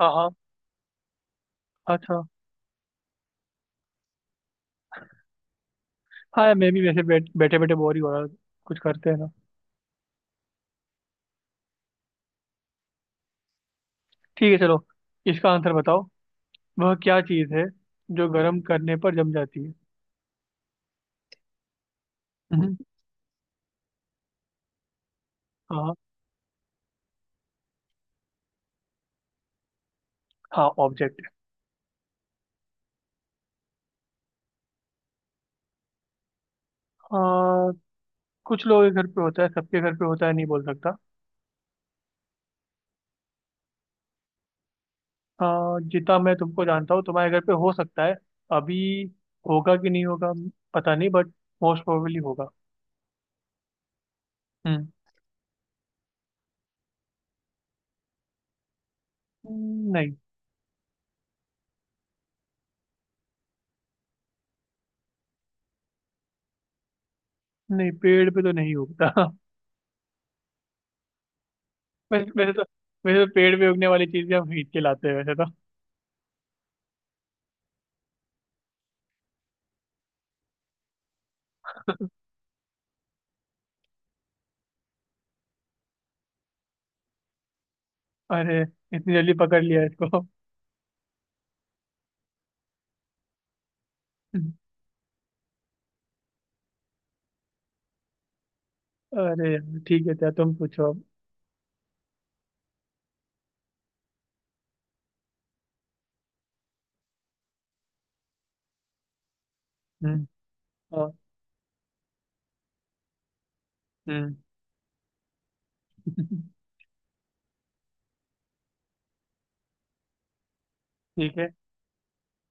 हाँ, हाँ। अच्छा। हाँ यार, मैं भी वैसे बैठे बैठे बोर ही हो रहा था। कुछ करते हैं ना। ठीक है, चलो। इसका आंसर बताओ। वह क्या चीज़ है जो गर्म करने पर जम जाती है? हम्म। हाँ। हाँ ऑब्जेक्ट। हाँ कुछ लोगों के घर पे होता है, सबके घर पे होता है नहीं बोल सकता। हाँ जितना मैं तुमको जानता हूँ, तुम्हारे घर पे हो सकता है। अभी होगा कि नहीं होगा पता नहीं, बट मोस्ट प्रोबेबली होगा। हम्म, नहीं। नहीं पेड़ पे तो नहीं उगता। वैसे वैसे तो पेड़ पे उगने वाली चीजें हम खरीद के लाते हैं वैसे तो। अरे इतनी जल्दी पकड़ लिया इसको! अरे यार, ठीक है क्या, तुम पूछो अब। हम्म। हाँ। हम्म। ठीक है।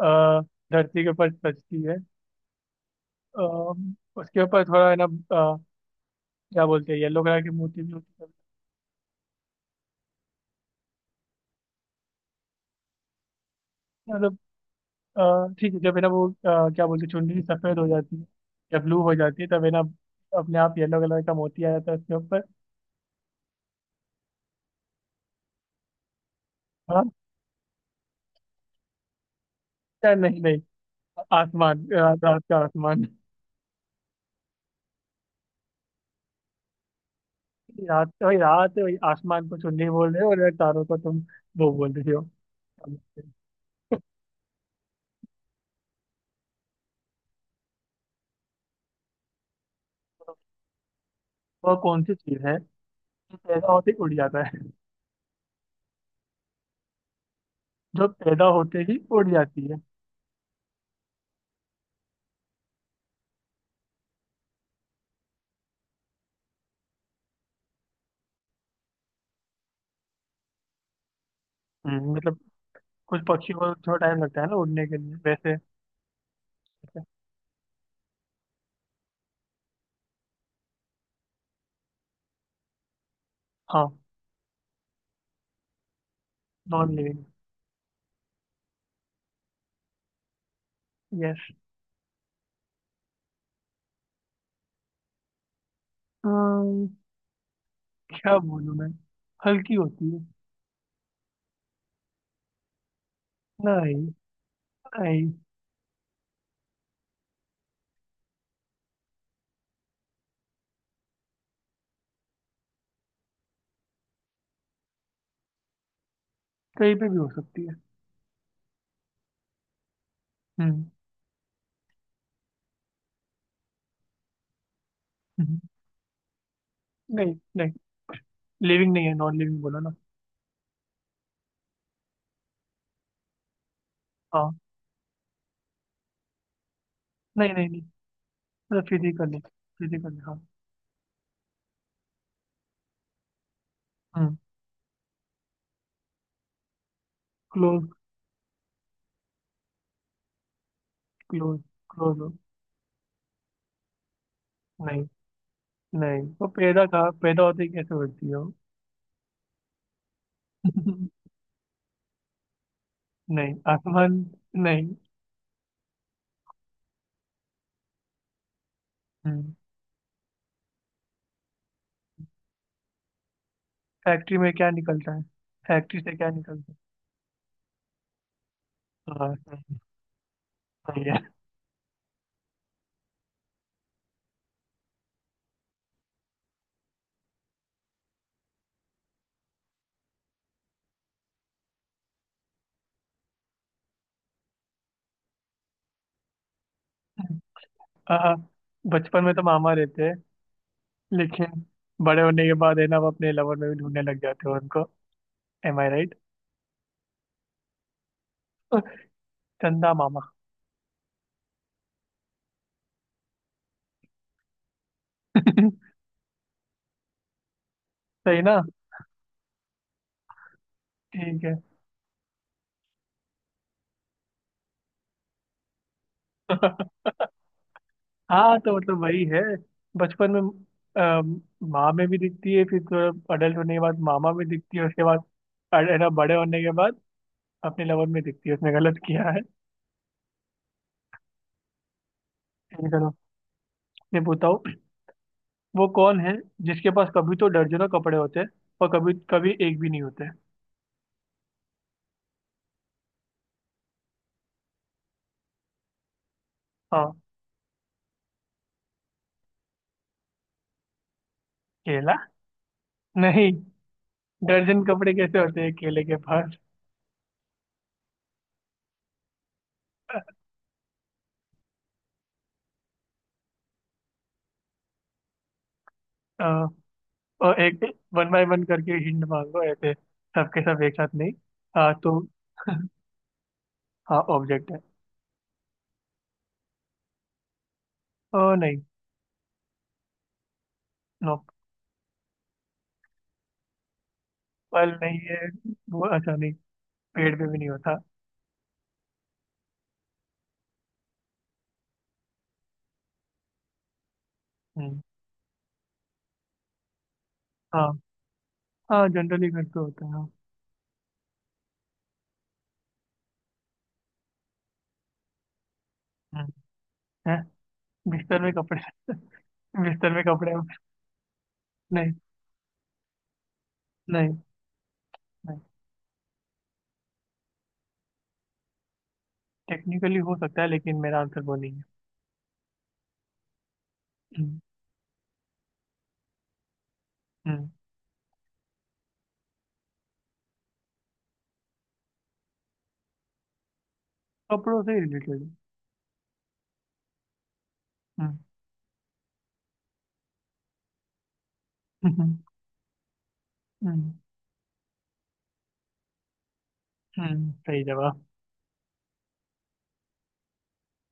अ, धरती के ऊपर सजती है। अ, उसके ऊपर थोड़ा है ना क्या बोलते हैं, येलो कलर की मोती भी होती है। मतलब ठीक है, जब है ना वो क्या बोलते हैं, चुनरी सफेद हो जाती है या ब्लू हो जाती है, तब है ना अपने आप येलो कलर का मोती आ जाता है उसके ऊपर। हाँ। या नहीं, नहीं आसमान, रात का आसमान। रात वही, रात वही, आसमान को चुन्नी बोल रहे हो और तारों को तुम वो बोल रही हो। वो कौन सी चीज है जो पैदा होते ही उड़ जाता है? जो पैदा होते ही उड़ जाती है। मतलब कुछ पक्षी को थोड़ा टाइम लगता है ना उड़ने के लिए वैसे। वैसे। हाँ। Non living. यस। क्या बोलूं मैं, हल्की होती है। नहीं। नहीं। कहीं पे भी हो सकती है। हम्म। हम्म, नहीं। नहीं लिविंग नहीं है, नॉन लिविंग बोला ना। हाँ। नहीं, नहीं, नहीं। मतलब फिजिकल है। फिजिकल हाँ। हम्म। क्लोज। क्लोज। क्लोज हो। नहीं। नहीं वो पैदा कहा, पैदा होते ही कैसे होती हो। नहीं आसमान। नहीं। हम्म। फैक्ट्री में क्या निकलता है? फैक्ट्री से क्या निकलता है? हाँ, सही है। आहा, बचपन में तो मामा रहते हैं, लेकिन बड़े होने के बाद है ना वो अपने लवर में भी ढूंढने लग जाते हो उनको। Am I right? चंदा मामा। सही ना। ठीक। है हाँ तो मतलब वही है। बचपन में माँ में भी दिखती है, फिर थोड़ा अडल्ट होने के बाद मामा में दिखती है, उसके बाद है ना बड़े होने के बाद अपने लवन में दिखती है, उसने गलत किया है। चलो, मैं बताओ। वो कौन है जिसके पास कभी तो दर्जनों कपड़े होते हैं और कभी कभी एक भी नहीं होते। हाँ। केला? नहीं। दर्जन कपड़े कैसे होते हैं केले के पास? अ, और एक वन बाय वन करके हिंट मांगो ऐसे, सबके सब एक साथ नहीं। हाँ तो। हाँ ऑब्जेक्ट है। ओ नहीं। नो, पल नहीं है। वो अच्छा नहीं, पेड़ पे भी नहीं होता। हम्म। हाँ। हाँ जनरली घर पे होता है हाँ। हम्म। हैं? बिस्तर में कपड़े? बिस्तर में कपड़े। नहीं, नहीं, नहीं। टेक्निकली हो सकता है लेकिन मेरा आंसर वो नहीं है। हम्म। हम्म, कपड़ों से रिलेटेड। हम्म। हम्म। हम्म, सही जवाब।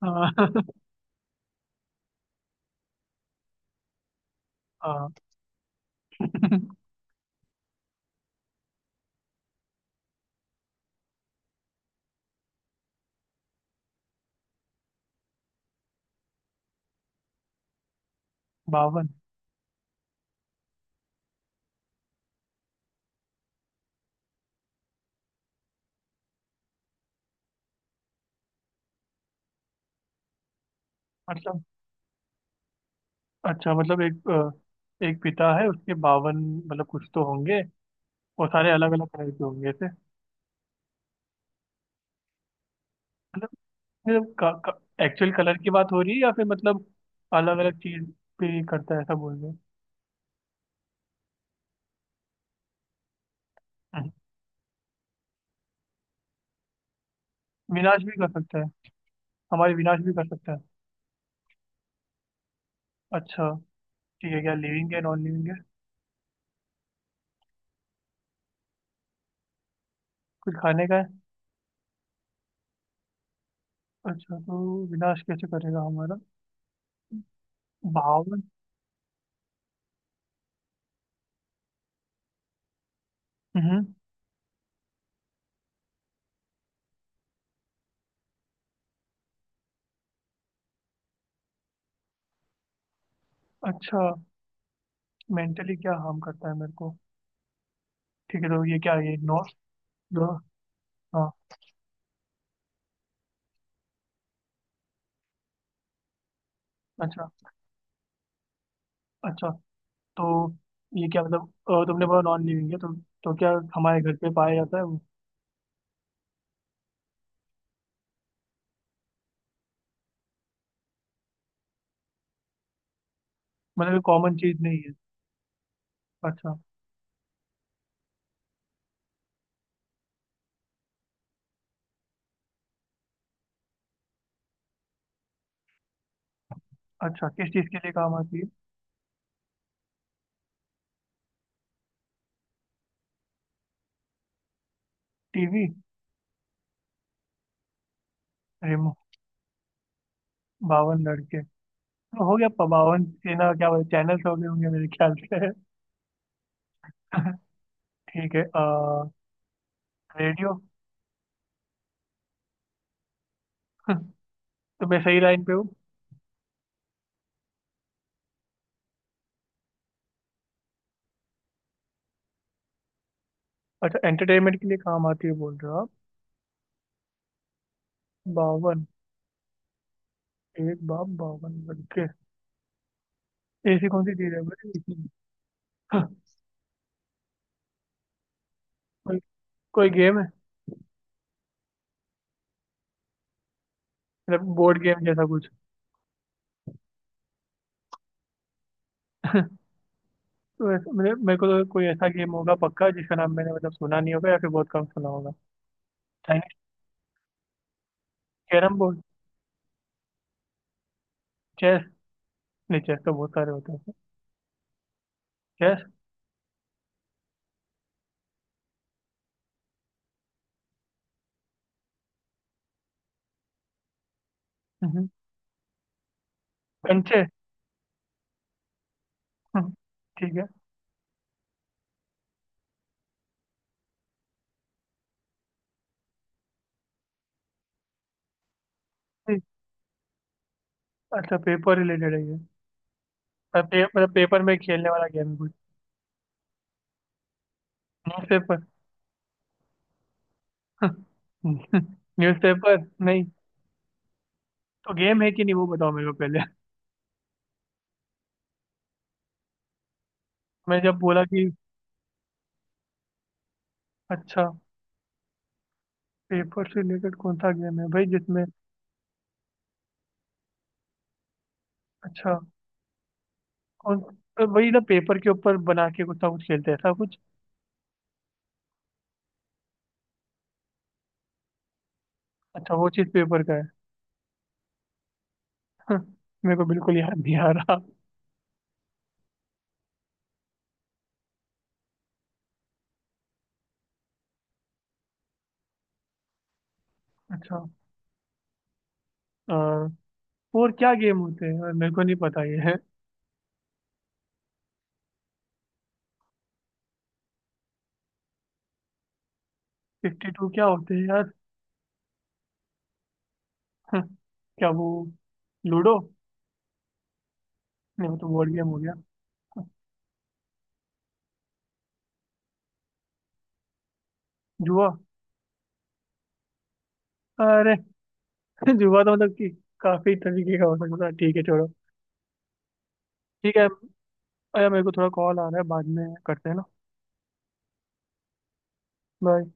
हाँ। हाँ। बावन? मतलब अच्छा मतलब एक एक पिता है उसके बावन, मतलब कुछ तो होंगे, और सारे अलग अलग कलर के होंगे ऐसे? मतलब एक्चुअल कलर की बात हो रही है या फिर मतलब अलग अलग चीज पे करता है ऐसा बोल रहे हो? हम्म। विनाश भी कर सकता है? हमारे विनाश भी कर सकता है? अच्छा ठीक है, क्या लिविंग है नॉन लिविंग है? कुछ खाने का है? अच्छा तो विनाश कैसे करेगा हमारा? भावन। हम्म। अच्छा मेंटली क्या हार्म करता है मेरे को? ठीक है, तो ये क्या है, ये नो। नो। हाँ। अच्छा। अच्छा तो ये क्या मतलब, तुमने बोला नॉन लिविंग है तो क्या हमारे घर पे पाया जाता है वो? मतलब ये कॉमन चीज नहीं है? अच्छा। अच्छा किस चीज के लिए काम आती है? टीवी? रिमोट? बावन लड़के तो हो गया बावन ये ना क्या बोलते चैनल्स हो गए होंगे मेरे ख्याल से। ठीक है, रेडियो? तो मैं सही लाइन पे हूँ? अच्छा एंटरटेनमेंट के लिए काम आती है बोल रहे हो आप। बावन। एक बाप बावन लड़के। ऐसी कौन सी चीज है भाई? कोई, कोई गेम है? मतलब बोर्ड गेम जैसा कुछ? तो ऐसा मेरे मेरे को तो कोई ऐसा गेम होगा पक्का जिसका नाम मैंने मतलब सुना नहीं होगा या फिर बहुत कम सुना होगा। चाइनीज? Carrom board? चेस? नहीं चेस तो बहुत सारे होते हैं। यस। हम्म, कंचे? हम्म, ठीक है। ठीक। अच्छा पेपर रिलेटेड है ये? और मतलब पेपर में खेलने वाला गेम है कोई? न्यूज़पेपर? न्यूज़पेपर। नहीं। तो गेम है कि नहीं वो बताओ मेरे को पहले। मैं जब बोला कि। अच्छा पेपर से रिलेटेड कौन सा गेम है भाई जिसमें? अच्छा। कौन? तो वही ना पेपर के ऊपर बना के कुछ ना कुछ खेलते हैं ऐसा कुछ? अच्छा वो चीज़ पेपर का है। मेरे को बिल्कुल याद नहीं आ रहा। अच्छा। अ, और क्या गेम होते हैं और मेरे को नहीं पता ये। है 52 क्या होते हैं? हाँ, क्या वो, लूडो? नहीं वो तो बोर्ड गेम हो गया। जुआ? अरे! जुआ तो मतलब कि काफी तरीके का हो सकता है, ठीक है छोड़ो। ठीक है। अरे मेरे को थोड़ा कॉल आ रहा है, बाद में करते हैं ना। बाय।